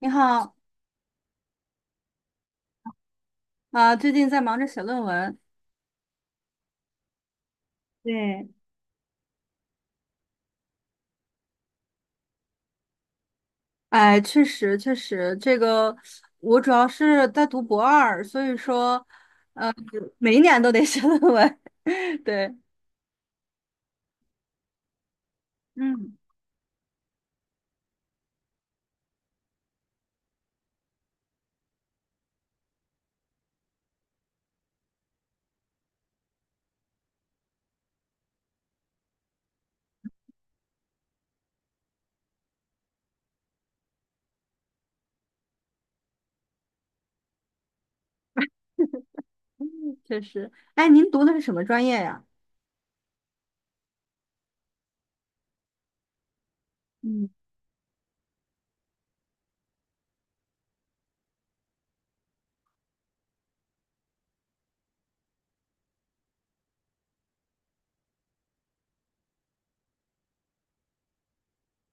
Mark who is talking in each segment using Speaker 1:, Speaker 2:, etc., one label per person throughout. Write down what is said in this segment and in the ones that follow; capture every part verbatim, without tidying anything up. Speaker 1: 你好。啊，最近在忙着写论文。对，哎，确实确实，这个我主要是在读博二，所以说每一年都得写论文。对，嗯嗯确实。哎，您读的是什么专业呀？嗯，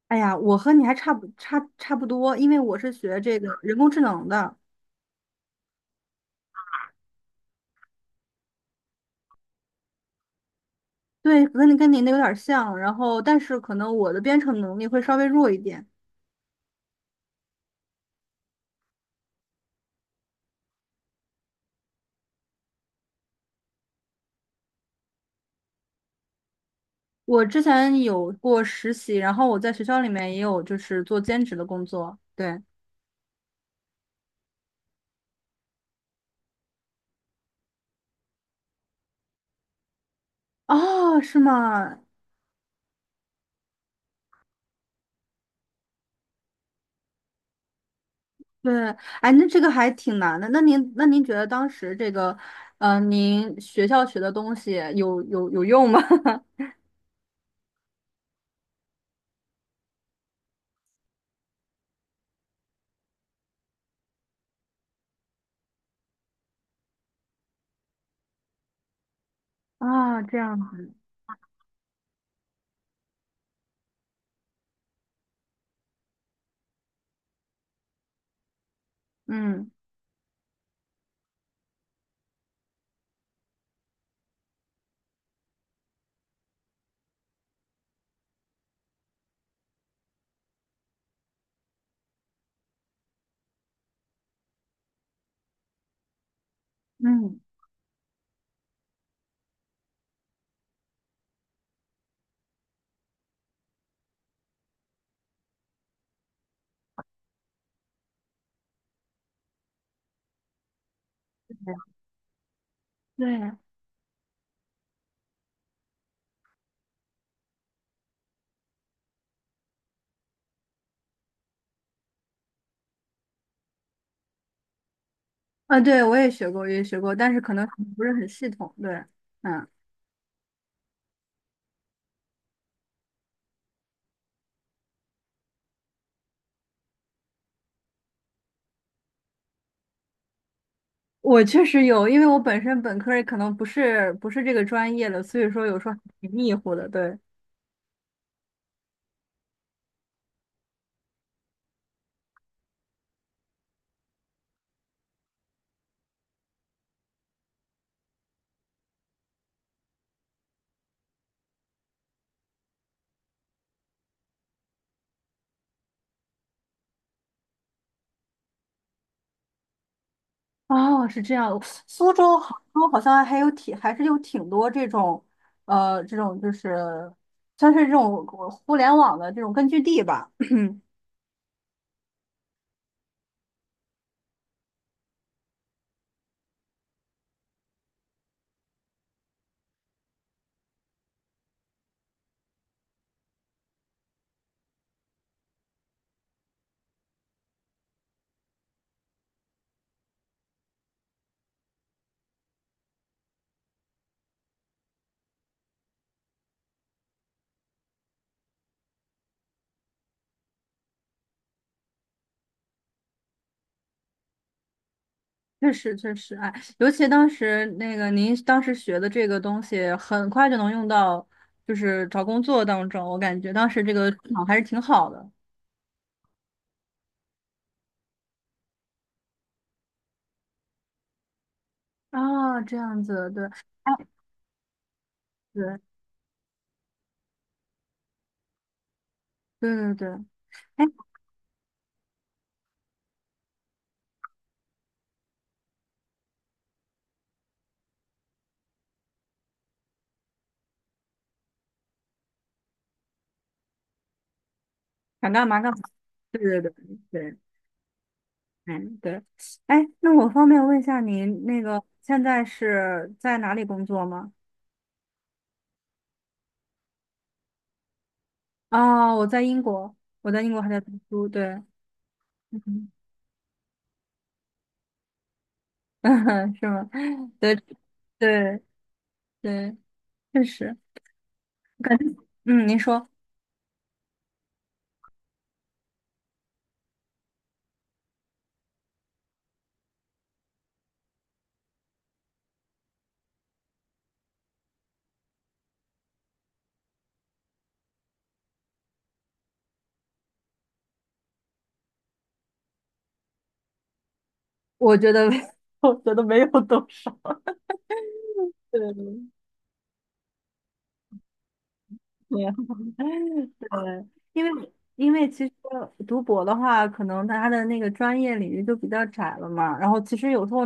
Speaker 1: 哎呀，我和你还差不差差不多，因为我是学这个人工智能的。对，跟跟您的有点像。然后，但是可能我的编程能力会稍微弱一点。我之前有过实习，然后我在学校里面也有就是做兼职的工作。对，哦，是吗？对，哎，那这个还挺难的。那您那您觉得当时这个，呃，您学校学的东西有有有用吗？啊，这样啊，嗯嗯，对，啊，对，我也学过，我也学过，但是可能不是很系统。对，嗯，我确实有，因为我本身本科儿可能不是不是这个专业的，所以说有时候还挺迷糊的。对，哦，是这样。苏州、杭州好像还有挺，还是有挺多这种，呃，这种就是算是这种互联网的这种根据地吧。确实，确实，哎，尤其当时那个您当时学的这个东西，很快就能用到，就是找工作当中。我感觉当时这个市场还是挺好的。啊，这样子，对，哎，对，对对对，哎，想干嘛干嘛，对对对对。嗯，对。哎，那我方便问一下您，那个现在是在哪里工作吗？啊，我在英国，我在英国还在读书。对，嗯，是吗？对对对，确实，感觉，嗯，您说，我觉得，我觉得没有多少。对，对呃，因为因为其实读博的话，可能它的那个专业领域就比较窄了嘛。然后其实有时候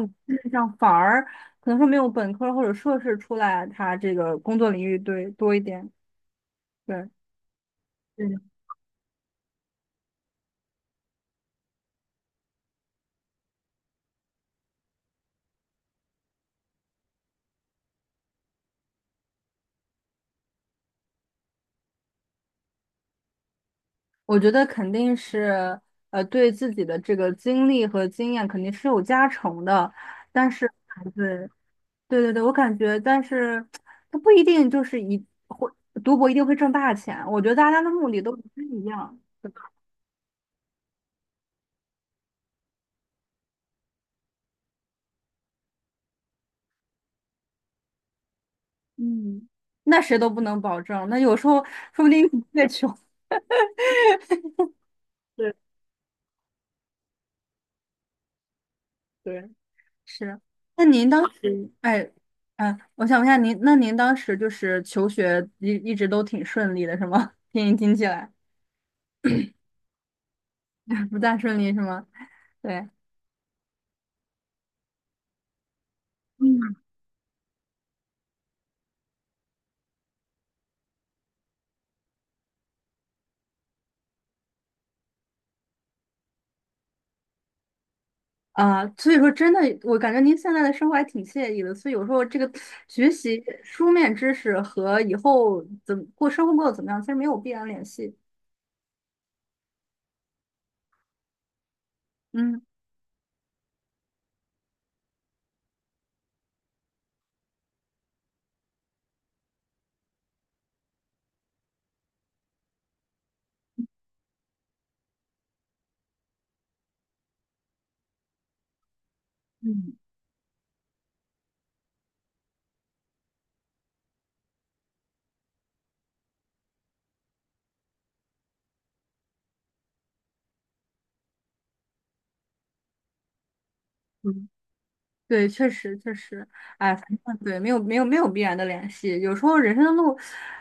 Speaker 1: 像反而可能说没有本科或者硕士出来，它这个工作领域对多一点。对，嗯，我觉得肯定是呃对自己的这个经历和经验肯定是有加成的，但是对对对对，我感觉，但是它不一定就是一会读博一定会挣大钱。我觉得大家的目的都不太一样。那谁都不能保证。那有时候说不定你越穷 是。那您当时，哎，哎，我想问一下您，那您当时就是求学一一直都挺顺利的，是吗？听您听起来 不大顺利是吗？对。嗯，啊，所以说真的，我感觉您现在的生活还挺惬意的。所以有时候这个学习书面知识和以后怎么过生活过得怎么样，其实没有必然联系。嗯嗯嗯对，确实确实，哎，反正对，没有没有没有必然的联系。有时候人生的路，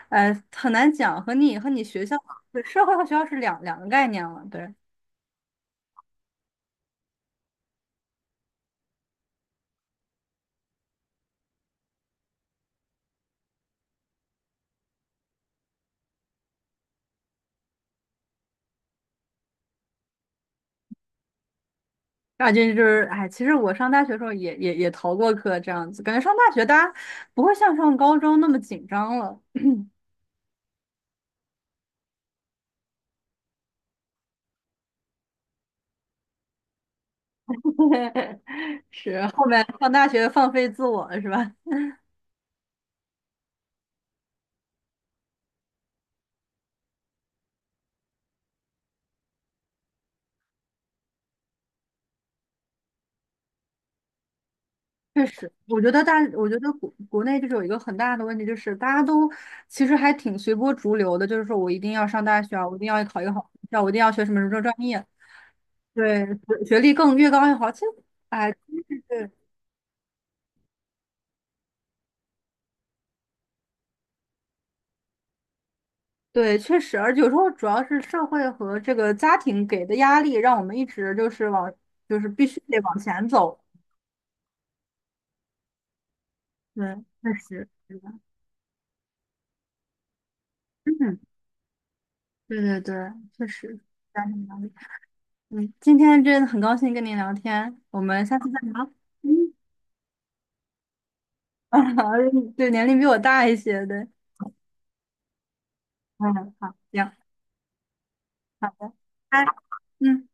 Speaker 1: 哎，很难讲，和你和你学校、对社会和学校是两两个概念了。对，大这就是，哎，其实我上大学的时候也也也逃过课，这样子，感觉上大学大家不会像上高中那么紧张了。是，后面上大学放飞自我了，是吧？确实，我觉得大，我觉得国国内就是有一个很大的问题，就是大家都其实还挺随波逐流的，就是说我一定要上大学啊，我一定要考一个好学校，我一定要学什么什么专业，对，学学历更越高越好。其实，哎，对对，确实，而且有时候主要是社会和这个家庭给的压力，让我们一直就是往，就是必须得往前走。对，确实，是的嗯，对对对，确实，家庭压力。嗯，今天真的很高兴跟您聊天，我们下次再聊。嗯。啊，对，年龄比我大一些，对，嗯，好，行，好的，拜，嗯。